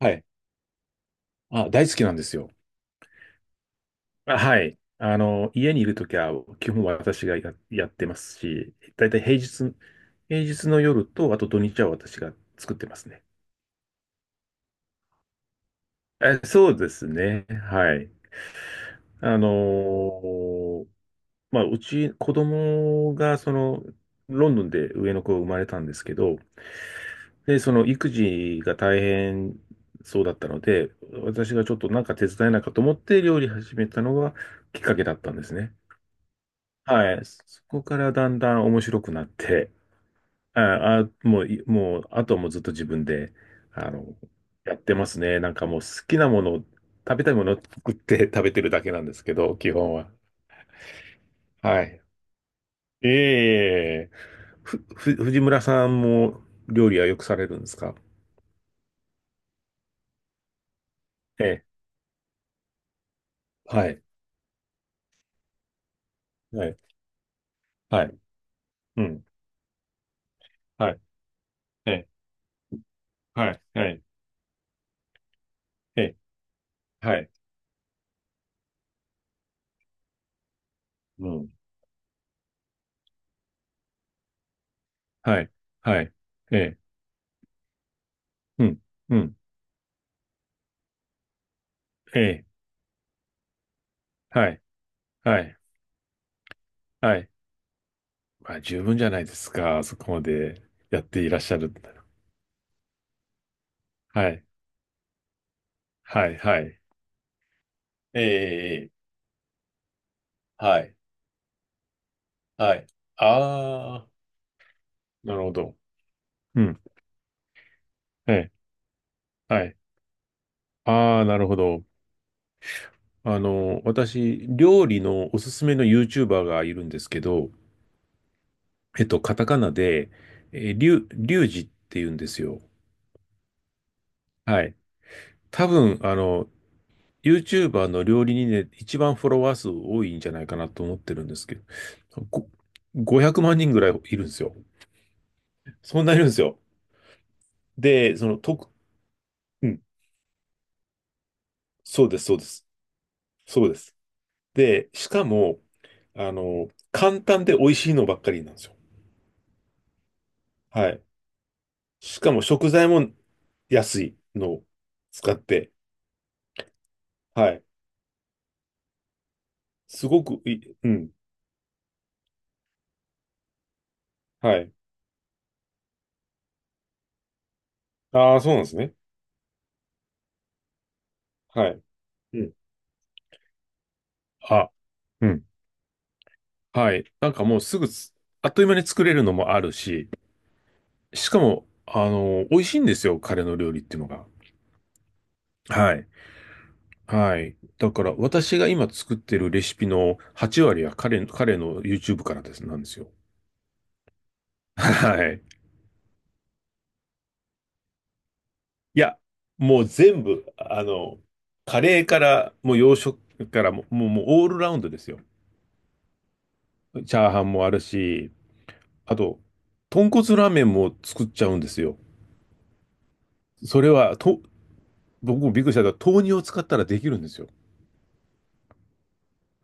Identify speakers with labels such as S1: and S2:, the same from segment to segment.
S1: はい。あ、大好きなんですよ。あ、はい。家にいるときは、基本私がやってますし、だいたい平日の夜と、あと土日は私が作ってますね。え、そうですね。はい。あのーまあ、うち、子供が、ロンドンで上の子が生まれたんですけど、で、その育児が大変そうだったので、私がちょっとなんか手伝えないかと思って料理始めたのがきっかけだったんですね。はい。そこからだんだん面白くなって、ああ、もう、あとはもうずっと自分で、あの、やってますね。なんかもう好きなもの、食べたいものを作って 食べてるだけなんですけど、基本は。はい。ええ。藤村さんも料理はよくされるんですか？ええ。はい。はい。はい。うん。はい。ええ。はい。はい。ええ。はい。うん。はい。はい。ええ。うん。うん。ええ。はい。はい。はい。まあ、十分じゃないですか。そこまでやっていらっしゃるんだら。はい。はい、はい。ええ、ええ。はい、はい。ああ、なるほど。うん。ええ、はい。ああ、なるほど。私、料理のおすすめの YouTuber がいるんですけど、カタカナで、リュウジって言うんですよ。はい。多分、YouTuber の料理人で一番フォロワー数多いんじゃないかなと思ってるんですけど、ご、500万人ぐらいいるんですよ。そんないるんですよ。で、うん、そうです、そうです。そうです。で、しかも、簡単で美味しいのばっかりなんですよ。はい。しかも食材も安いのを使って、はい。すごくいい、うん。はい。ああ、そうなんですね。はい。うん。あ、うん。はい。なんかもうすぐつ、あっという間に作れるのもあるし、しかも、美味しいんですよ、彼の料理っていうのが。はい。はい。だから、私が今作ってるレシピの8割は彼の YouTube からです、なんですよ。はい。いや、もう全部、カレーから、もう洋食からもう、もう、もうオールラウンドですよ。チャーハンもあるし、あと、豚骨ラーメンも作っちゃうんですよ。それは、僕もびっくりしたけど、豆乳を使ったらできるんですよ。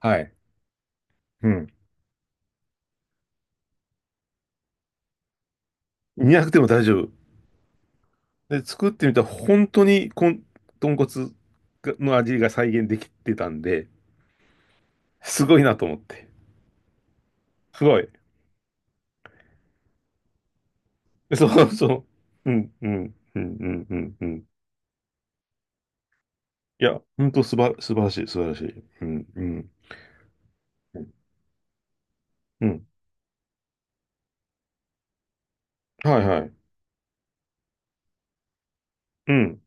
S1: はい。うん。煮なくても大丈夫。で、作ってみたら本当に豚骨の味が再現できてたんで、すごいなと思って。すごい。そうそう。うん、うん、うん、うん、うん。うん。いや、本当素晴らしい、素晴らしい。うん、うん、うん。うん。はいはい。うん、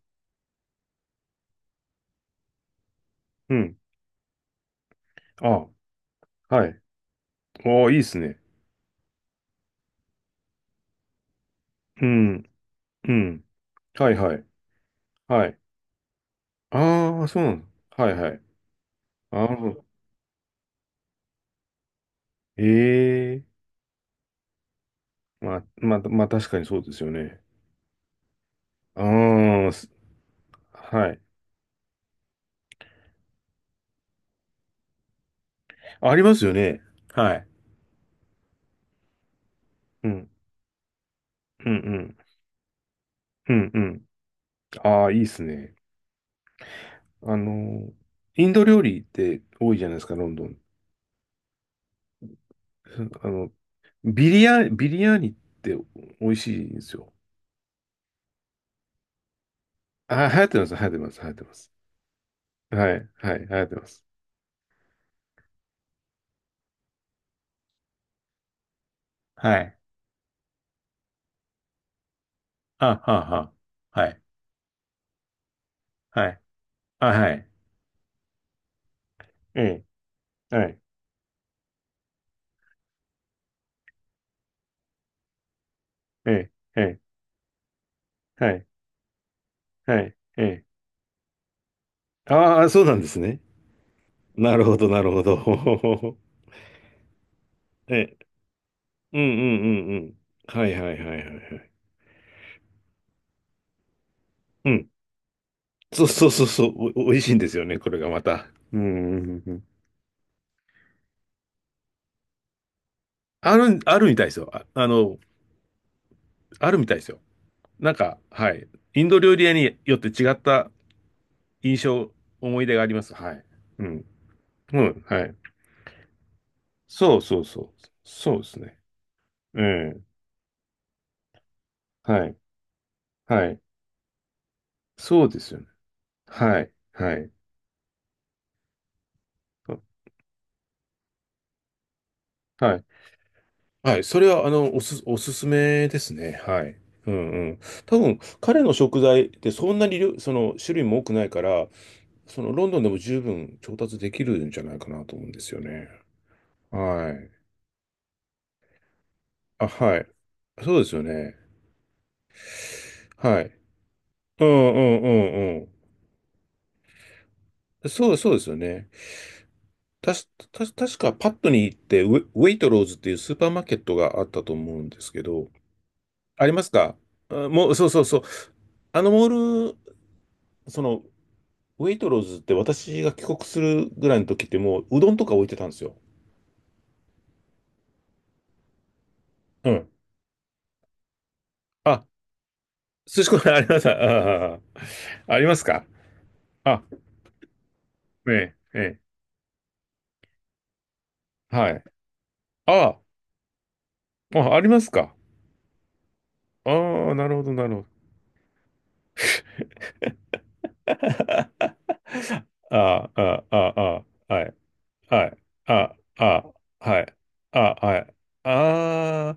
S1: うん。あ、はい。おー、いいっすね。うん、うん。はいはい。はい。ああ、そうなの。はいはい。ああ、ええ。まあ、まあ、まあ、確かにそうですよね。ああ、はい。ありますよね。はい。うん、うん、うん、うん、うん。ああ、いいっすね。あの、インド料理って多いじゃないですか、ロンドン。あの、ビリヤーニって美味しいんですよ。あ、流行ってます、流行ってます、流行ってます。はい、はい、流行ってます。はい。あ、はあ、はあ。はい。はい。あ、はい。ええ、はい、ええ、ええ、はい、はい、ええ。ああ、そうなんですね。なるほど、なるほど。ええ。うんうんうんうん。はいはいはいはいはい。うん。そうそうそうそう。お、美味しいんですよね、これがまた。うんうんうんうん。あるみたいですよ。あ、あるみたいですよ。なんか、はい。インド料理屋によって違った印象、思い出があります。はい。うん。うん、はい。そうそうそう。そうですね。うん。はい。はい。そうですよね。はい。はい。はい。はい、それは、おすすめですね。はい。うんうん。多分、彼の食材ってそんなに量、その、種類も多くないから、ロンドンでも十分調達できるんじゃないかなと思うんですよね。はい。あ、はい。そうですよね。はい。うんうんうんうん。そうですよね。たし、た、確かパットに行ってウェイトローズっていうスーパーマーケットがあったと思うんですけど、ありますか？あ、もう、そうそうそう。あのモール、その、ウェイトローズって私が帰国するぐらいの時ってもううどんとか置いてたんですよ。うん。あ、寿司コーナーあります。ああ、ありますか？あ、ええ、ええ、はい。ああ、あ、ありますか？ああ、なるほど、なるほど。ああ、ああ、ああ、はい、はい、ああ、はい、ああ、はい、ああ、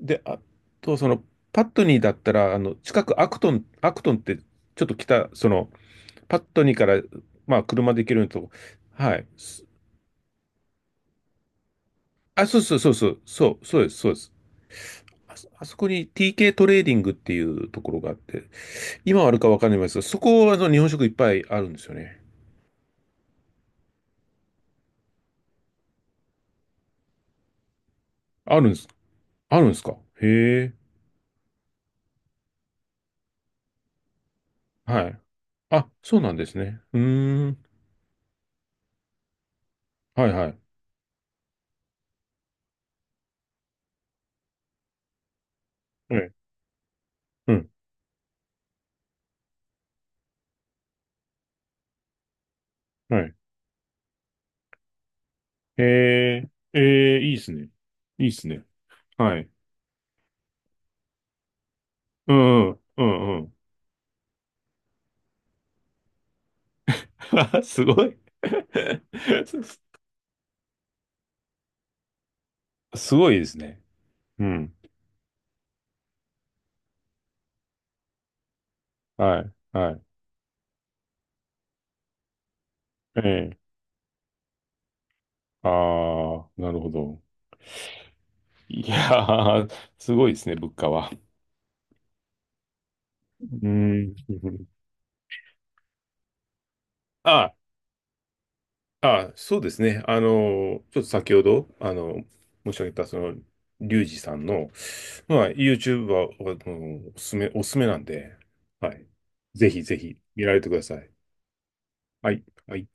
S1: で、あと、パットニーだったら、近くアクトンって、ちょっと北、パットニーから、まあ、車で行けるのと、はい。あ、そうそうそうそう、そう、そうです、そうです。あそこに TK トレーディングっていうところがあって、今はあるかわかんないですが、そこは日本食いっぱいあるんですよね。あるんです、あるんですか？へえ、はい。あ、そうなんですね。うーん、はいはい。ええ、うん、はい。へえ、ええ、いいですね。いいですね。はい。うんうん、うんうん。すごい。すすごいですね。うん。はい、はい。ええ。ああ、なるほど。いやー、すごいですね、物価は。うん。ああ、そうですね。ちょっと先ほど、申し上げた、リュウジさんの、まあ、YouTube は、おすすめなんで、はい。ぜひぜひ、見られてください。はい。はい。